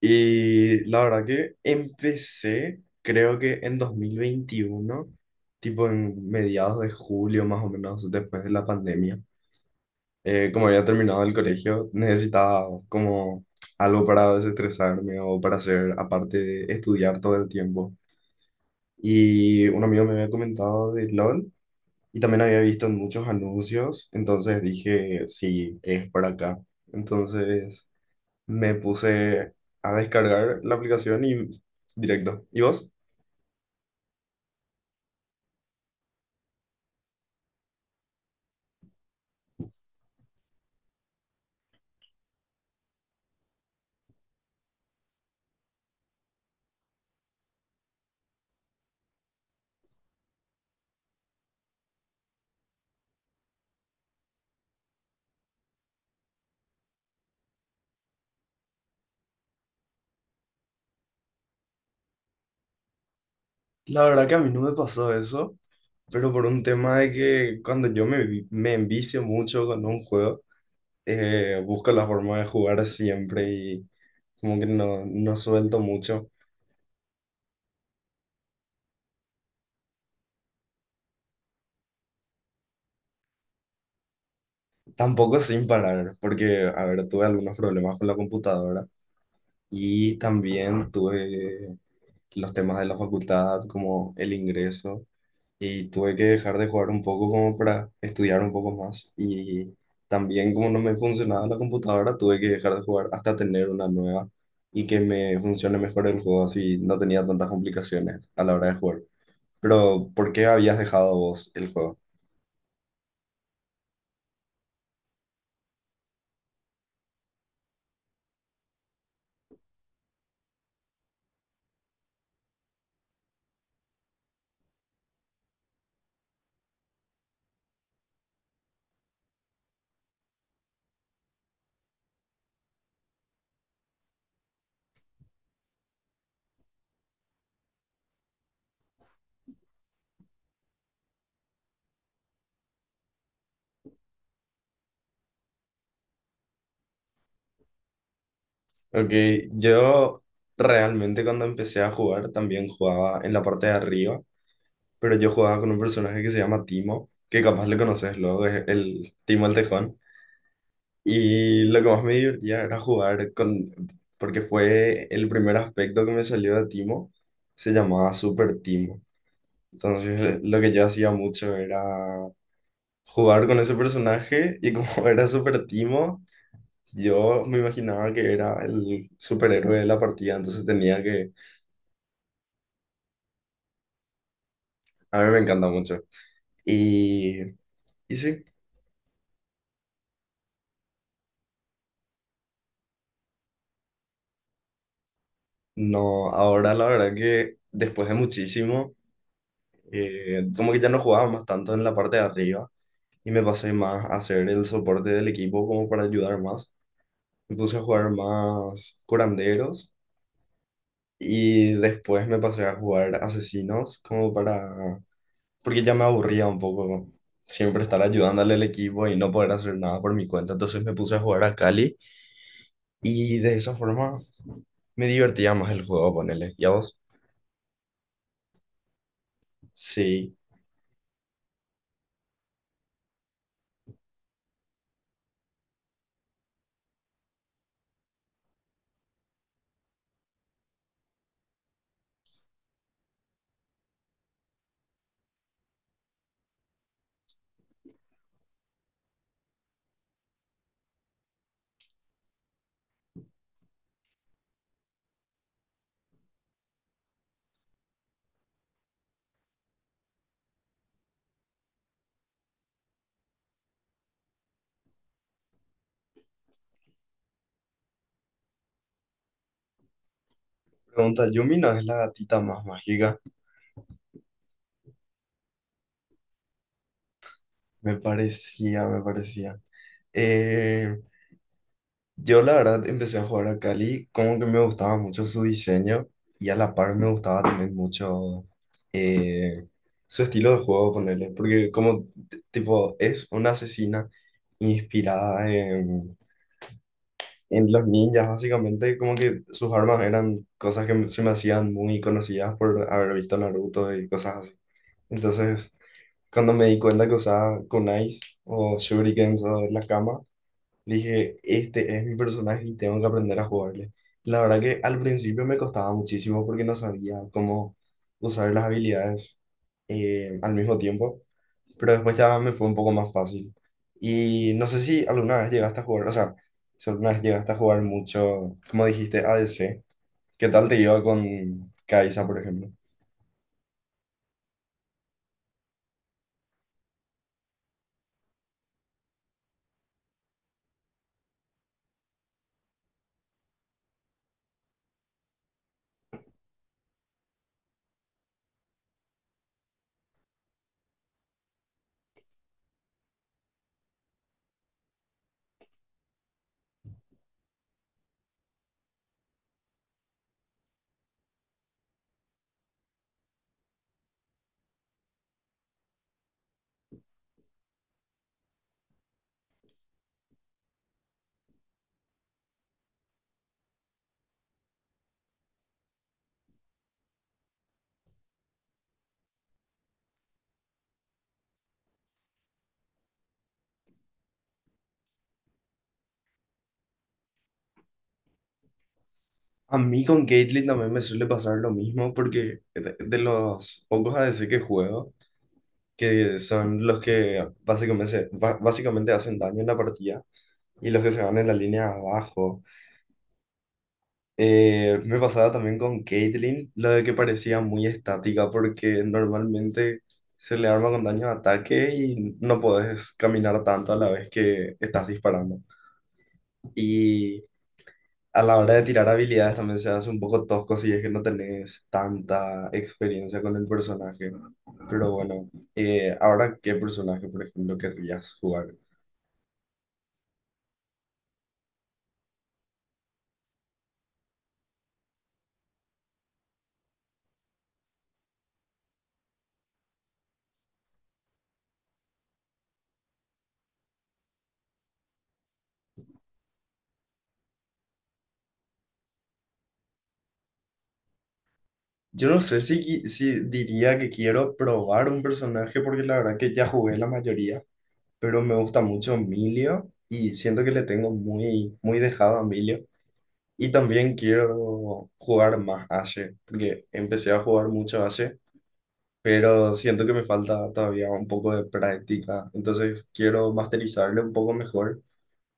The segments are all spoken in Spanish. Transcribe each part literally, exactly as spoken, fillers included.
Y la verdad que empecé, creo que en dos mil veintiuno tipo en mediados de julio más o menos, después de la pandemia. Eh, como había terminado el colegio, necesitaba como algo para desestresarme o para hacer, aparte de estudiar todo el tiempo. Y un amigo me había comentado de L O L y también había visto en muchos anuncios, entonces dije, sí, es por acá. Entonces me puse a descargar la aplicación y directo. ¿Y vos? La verdad que a mí no me pasó eso, pero por un tema de que cuando yo me, vi- me envicio mucho con un juego, eh, busco la forma de jugar siempre y como que no, no suelto mucho. Tampoco sin parar, porque, a ver, tuve algunos problemas con la computadora y también tuve los temas de la facultad, como el ingreso. Y tuve que dejar de jugar un poco como para estudiar un poco más. Y también como no me funcionaba la computadora, tuve que dejar de jugar hasta tener una nueva y que me funcione mejor el juego, así no tenía tantas complicaciones a la hora de jugar. Pero, ¿por qué habías dejado vos el juego? Ok, yo realmente cuando empecé a jugar también jugaba en la parte de arriba, pero yo jugaba con un personaje que se llama Timo, que capaz le conoces luego, es el Timo el Tejón. Y lo que más me divertía era jugar con, porque fue el primer aspecto que me salió de Timo, se llamaba Super Timo. Entonces lo que yo hacía mucho era jugar con ese personaje y como era Super Timo, yo me imaginaba que era el superhéroe de la partida, entonces tenía que, a mí me encanta mucho. Y, y sí, no, ahora la verdad que después de muchísimo, eh, como que ya no jugaba más tanto en la parte de arriba y me pasé más a hacer el soporte del equipo como para ayudar más. Me puse a jugar más curanderos y después me pasé a jugar asesinos como para... Porque ya me aburría un poco siempre estar ayudándole al equipo y no poder hacer nada por mi cuenta. Entonces me puse a jugar a Cali y de esa forma me divertía más el juego, ponele. ¿Y a vos? Sí. Pregunta, Yumi no es la gatita más mágica. Me parecía, me parecía. Eh, Yo la verdad empecé a jugar a Cali, como que me gustaba mucho su diseño y a la par me gustaba también mucho eh, su estilo de juego, ponerle, porque como t- tipo es una asesina inspirada en, en los ninjas, básicamente como que sus armas eran cosas que se me hacían muy conocidas por haber visto Naruto y cosas así. Entonces, cuando me di cuenta que usaba kunais o shurikens o la dije, este es mi personaje y tengo que aprender a jugarle. La verdad que al principio me costaba muchísimo porque no sabía cómo usar las habilidades eh, al mismo tiempo, pero después ya me fue un poco más fácil. Y no sé si alguna vez llegaste a jugar, o sea, si alguna vez llegaste a jugar mucho, como dijiste, A D C, ¿qué tal te iba con Kai'Sa, por ejemplo? A mí con Caitlyn también me suele pasar lo mismo porque de, de los pocos A D C que juego, que son los que básicamente, se- ba- básicamente hacen daño en la partida y los que se van en la línea abajo. Eh, me pasaba también con Caitlyn, lo de que parecía muy estática porque normalmente se le arma con daño de ataque y no podés caminar tanto a la vez que estás disparando. Y a la hora de tirar habilidades también se hace un poco tosco si es que no tenés tanta experiencia con el personaje. Pero bueno, eh, ahora, ¿qué personaje, por ejemplo, querrías jugar? Yo no sé si, qui- si diría que quiero probar un personaje porque la verdad que ya jugué la mayoría, pero me gusta mucho Emilio y siento que le tengo muy, muy dejado a Emilio. Y también quiero jugar más Ashe, porque empecé a jugar mucho Ashe, pero siento que me falta todavía un poco de práctica. Entonces quiero masterizarle un poco mejor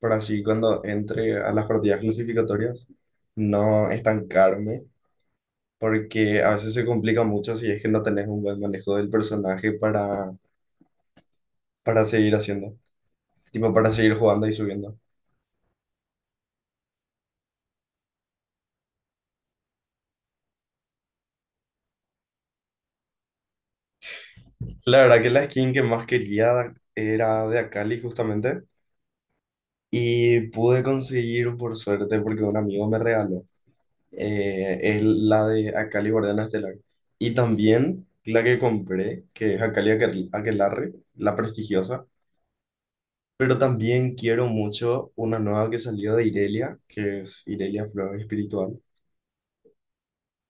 para así cuando entre a las partidas clasificatorias no estancarme porque a veces se complica mucho si es que no tenés un buen manejo del personaje para, para seguir haciendo, tipo para seguir jugando y subiendo. La verdad que la skin que más quería era de Akali justamente y pude conseguir por suerte porque un amigo me regaló. Eh, es la de Akali Guardiana Estelar y también la que compré, que es Akali Aquel- Aquelarre, la prestigiosa. Pero también quiero mucho una nueva que salió de Irelia, que es Irelia Flor Espiritual.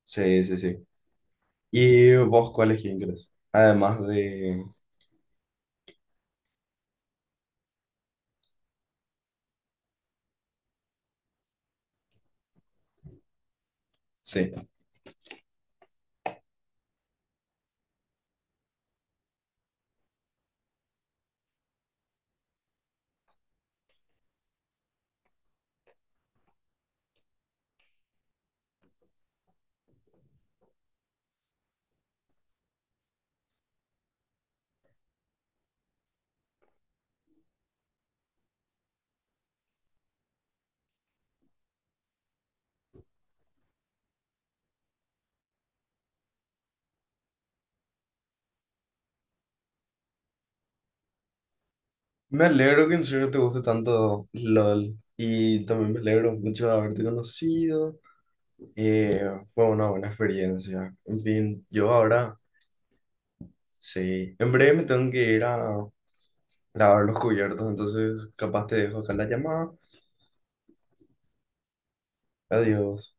Sí, sí, sí. ¿Y vos cuál es que inglés? Además de... Sí. Me alegro que en serio te guste tanto L O L. Y también me alegro mucho de haberte conocido. Eh, Fue una buena experiencia. En fin, yo ahora, sí. En breve me tengo que ir a grabar los cubiertos, entonces capaz te dejo acá la llamada. Adiós.